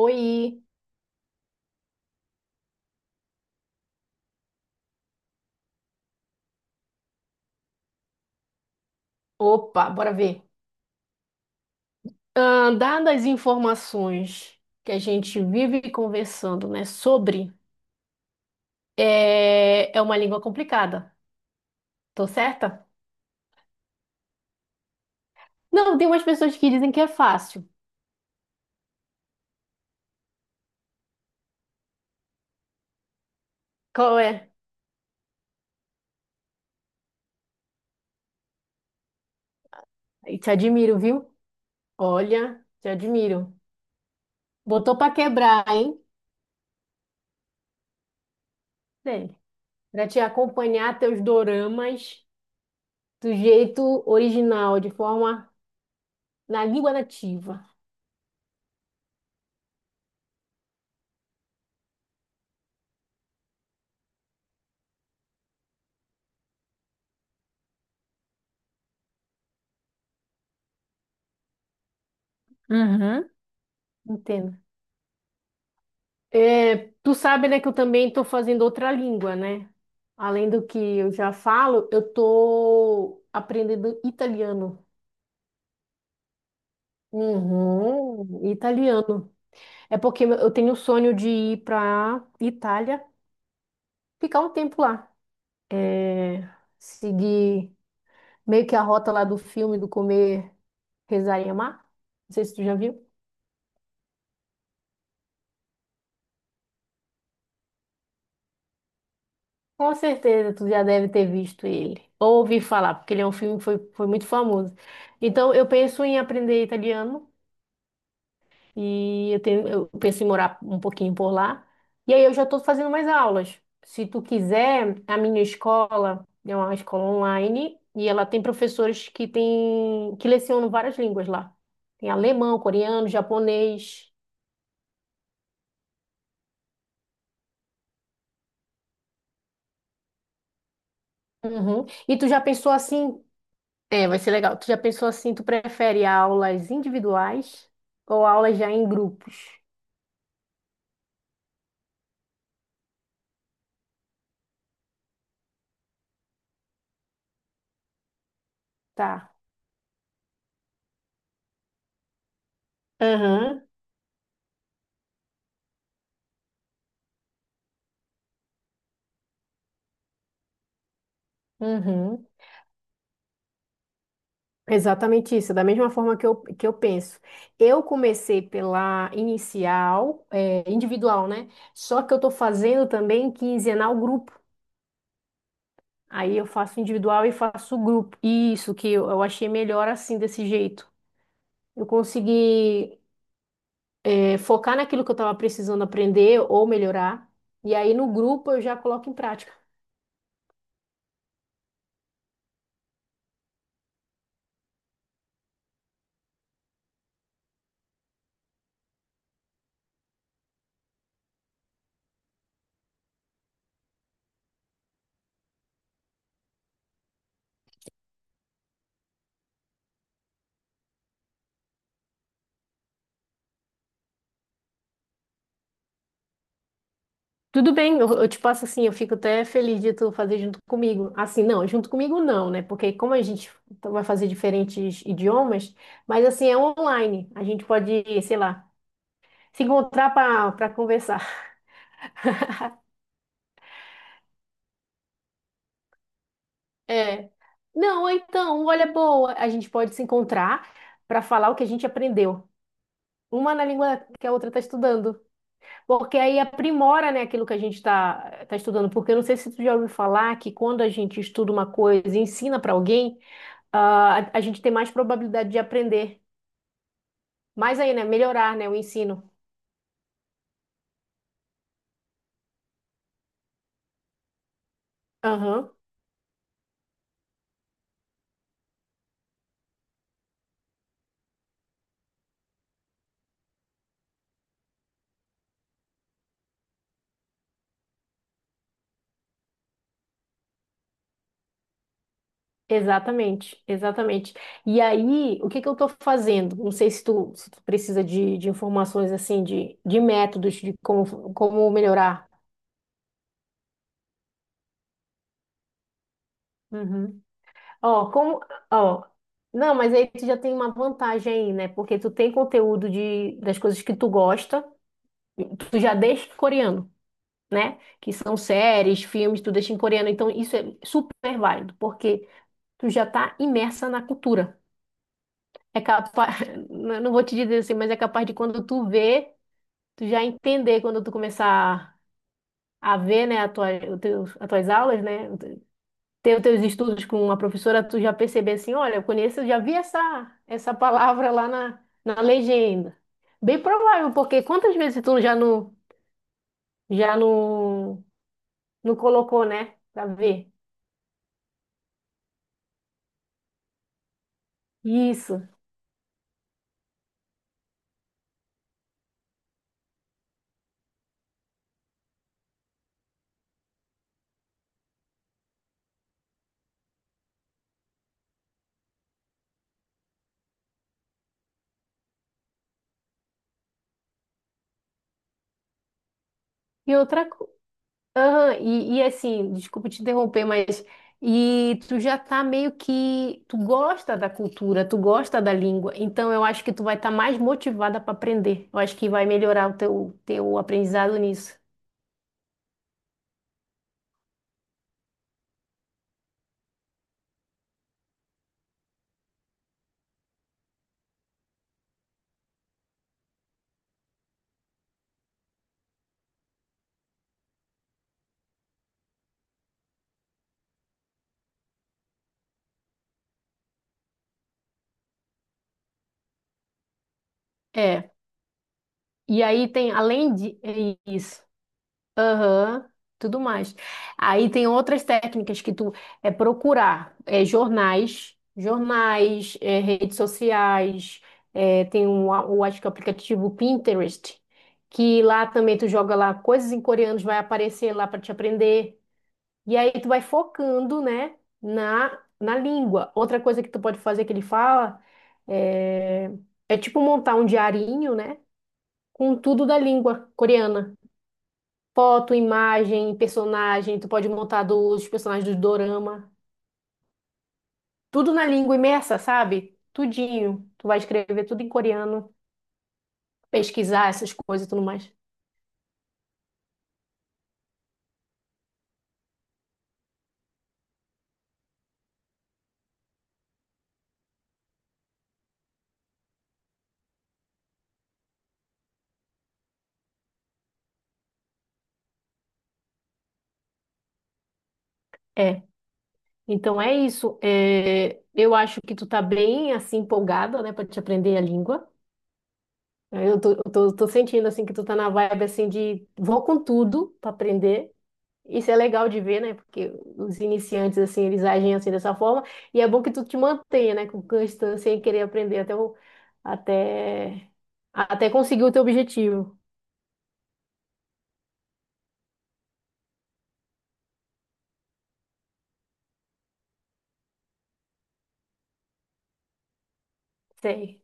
Oi, opa, bora ver. Dadas as informações que a gente vive conversando, né, sobre, é uma língua complicada, tô certa? Não, tem umas pessoas que dizem que é fácil. Qual é? E te admiro, viu? Olha, te admiro. Botou pra quebrar, hein? Bem, pra te acompanhar teus doramas do jeito original, de forma na língua nativa. Uhum. Entendo. É, tu sabe, né, que eu também estou fazendo outra língua, né? Além do que eu já falo, eu estou aprendendo italiano. Uhum, italiano. É porque eu tenho o sonho de ir para Itália, ficar um tempo lá. É, seguir meio que a rota lá do filme do comer, rezar e amar. Não sei se tu já viu. Com certeza, tu já deve ter visto ele. Ou ouvi falar, porque ele é um filme que foi muito famoso. Então, eu penso em aprender italiano e eu penso em morar um pouquinho por lá. E aí eu já estou fazendo mais aulas. Se tu quiser, a minha escola é uma escola online e ela tem professores que lecionam várias línguas lá. Tem alemão, coreano, japonês. Uhum. E tu já pensou assim. É, vai ser legal. Tu já pensou assim, tu prefere aulas individuais ou aulas já em grupos? Tá. Aham, uhum. Exatamente isso, da mesma forma que eu penso. Eu comecei pela inicial, individual, né? Só que eu tô fazendo também quinzenal grupo. Aí eu faço individual e faço grupo. Isso que eu achei melhor assim, desse jeito. Eu consegui, focar naquilo que eu estava precisando aprender ou melhorar. E aí no grupo eu já coloco em prática. Tudo bem, eu te passo assim, eu fico até feliz de tu fazer junto comigo. Assim, não, junto comigo não, né? Porque como a gente vai fazer diferentes idiomas, mas assim, é online. A gente pode, sei lá, se encontrar para conversar. É. Não, então, olha, boa, a gente pode se encontrar para falar o que a gente aprendeu. Uma na língua que a outra está estudando. Porque aí aprimora, né, aquilo que a gente está tá estudando. Porque eu não sei se tu já ouviu falar que quando a gente estuda uma coisa e ensina para alguém, a gente tem mais probabilidade de aprender. Mais aí, né? Melhorar, né, o ensino. Aham, exatamente, exatamente. E aí, o que que eu estou fazendo? Não sei se tu precisa de informações assim, de métodos, de como melhorar. Uhum. Ó, ó, não, mas aí tu já tem uma vantagem aí, né? Porque tu tem conteúdo das coisas que tu gosta, tu já deixa em coreano, né? Que são séries, filmes, tu deixa em coreano. Então isso é super válido, porque tu já tá imersa na cultura. É capaz, não vou te dizer assim, mas é capaz de quando tu vê, tu já entender quando tu começar a ver, né, a tua, o teu, as tuas aulas, né? Ter os teus estudos com uma professora, tu já perceber assim, olha, eu conheço, eu já vi essa palavra lá na legenda. Bem provável, porque quantas vezes tu já não colocou, né? Pra ver. Isso. E outra coisa. E assim, desculpa te interromper, mas. E tu já tá meio que. Tu gosta da cultura, tu gosta da língua, então eu acho que tu vai estar mais motivada para aprender. Eu acho que vai melhorar o teu aprendizado nisso. É. E aí tem, além de isso, aham, tudo mais. Aí tem outras técnicas que tu procurar jornais, redes sociais, tem um, o, acho que é o aplicativo Pinterest, que lá também tu joga lá coisas em coreanos, vai aparecer lá para te aprender. E aí tu vai focando, né, na língua. Outra coisa que tu pode fazer que ele fala é, é tipo montar um diarinho, né? Com tudo da língua coreana. Foto, imagem, personagem, tu pode montar dos personagens do dorama. Tudo na língua imersa, sabe? Tudinho. Tu vai escrever tudo em coreano, pesquisar essas coisas e tudo mais. É. Então é isso. É, eu acho que tu tá bem assim empolgada, né, pra te aprender a língua. Eu tô sentindo assim que tu tá na vibe assim de vou com tudo pra aprender. Isso é legal de ver, né? Porque os iniciantes, assim, eles agem assim dessa forma. E é bom que tu te mantenha, né? Com constância em querer aprender até, até conseguir o teu objetivo. Sei.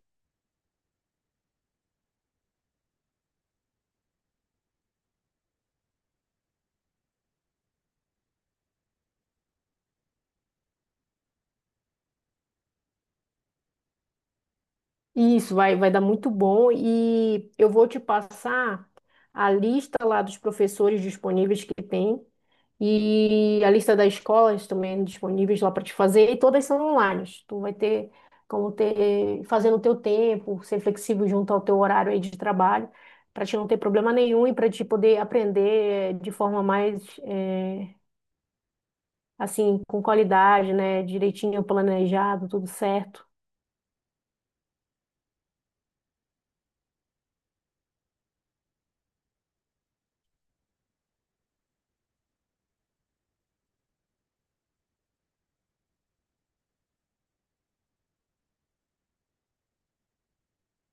Isso vai dar muito bom e eu vou te passar a lista lá dos professores disponíveis que tem e a lista das escolas também disponíveis lá para te fazer e todas são online. Tu vai ter como ter fazendo o teu tempo, ser flexível junto ao teu horário aí de trabalho para te não ter problema nenhum e para te poder aprender de forma mais assim com qualidade, né? Direitinho planejado, tudo certo.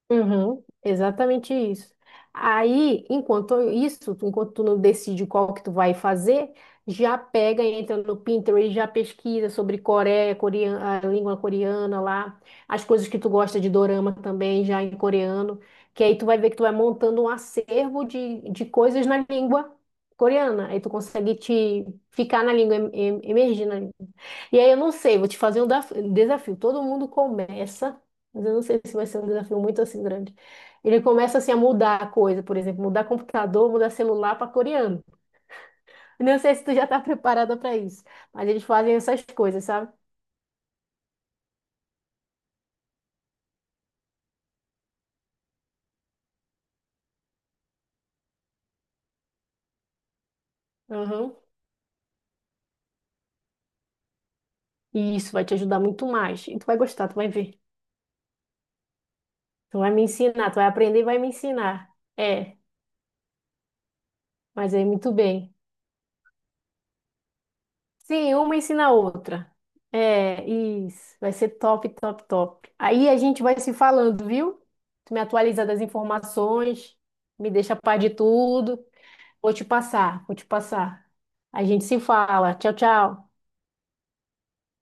Uhum, exatamente isso. Aí, enquanto isso, enquanto tu não decide qual que tu vai fazer, já pega, entra no Pinterest, já pesquisa sobre Coreia, coreana, a língua coreana lá, as coisas que tu gosta de dorama também, já em coreano, que aí tu vai ver que tu vai montando um acervo de coisas na língua coreana. Aí tu consegue te ficar na língua, emergir na língua. E aí eu não sei, vou te fazer um desafio. Todo mundo começa. Mas eu não sei se vai ser um desafio muito assim grande. Ele começa assim a mudar a coisa, por exemplo, mudar computador, mudar celular para coreano. Não sei se tu já está preparada para isso, mas eles fazem essas coisas, sabe? Uhum. E isso vai te ajudar muito mais. E tu vai gostar, tu vai ver. Tu vai me ensinar, tu vai aprender e vai me ensinar. É, mas é muito bem. Sim, uma ensina a outra. É, isso. Vai ser top, top, top. Aí a gente vai se falando, viu? Tu me atualiza das informações, me deixa a par de tudo. Vou te passar, vou te passar. A gente se fala. Tchau, tchau.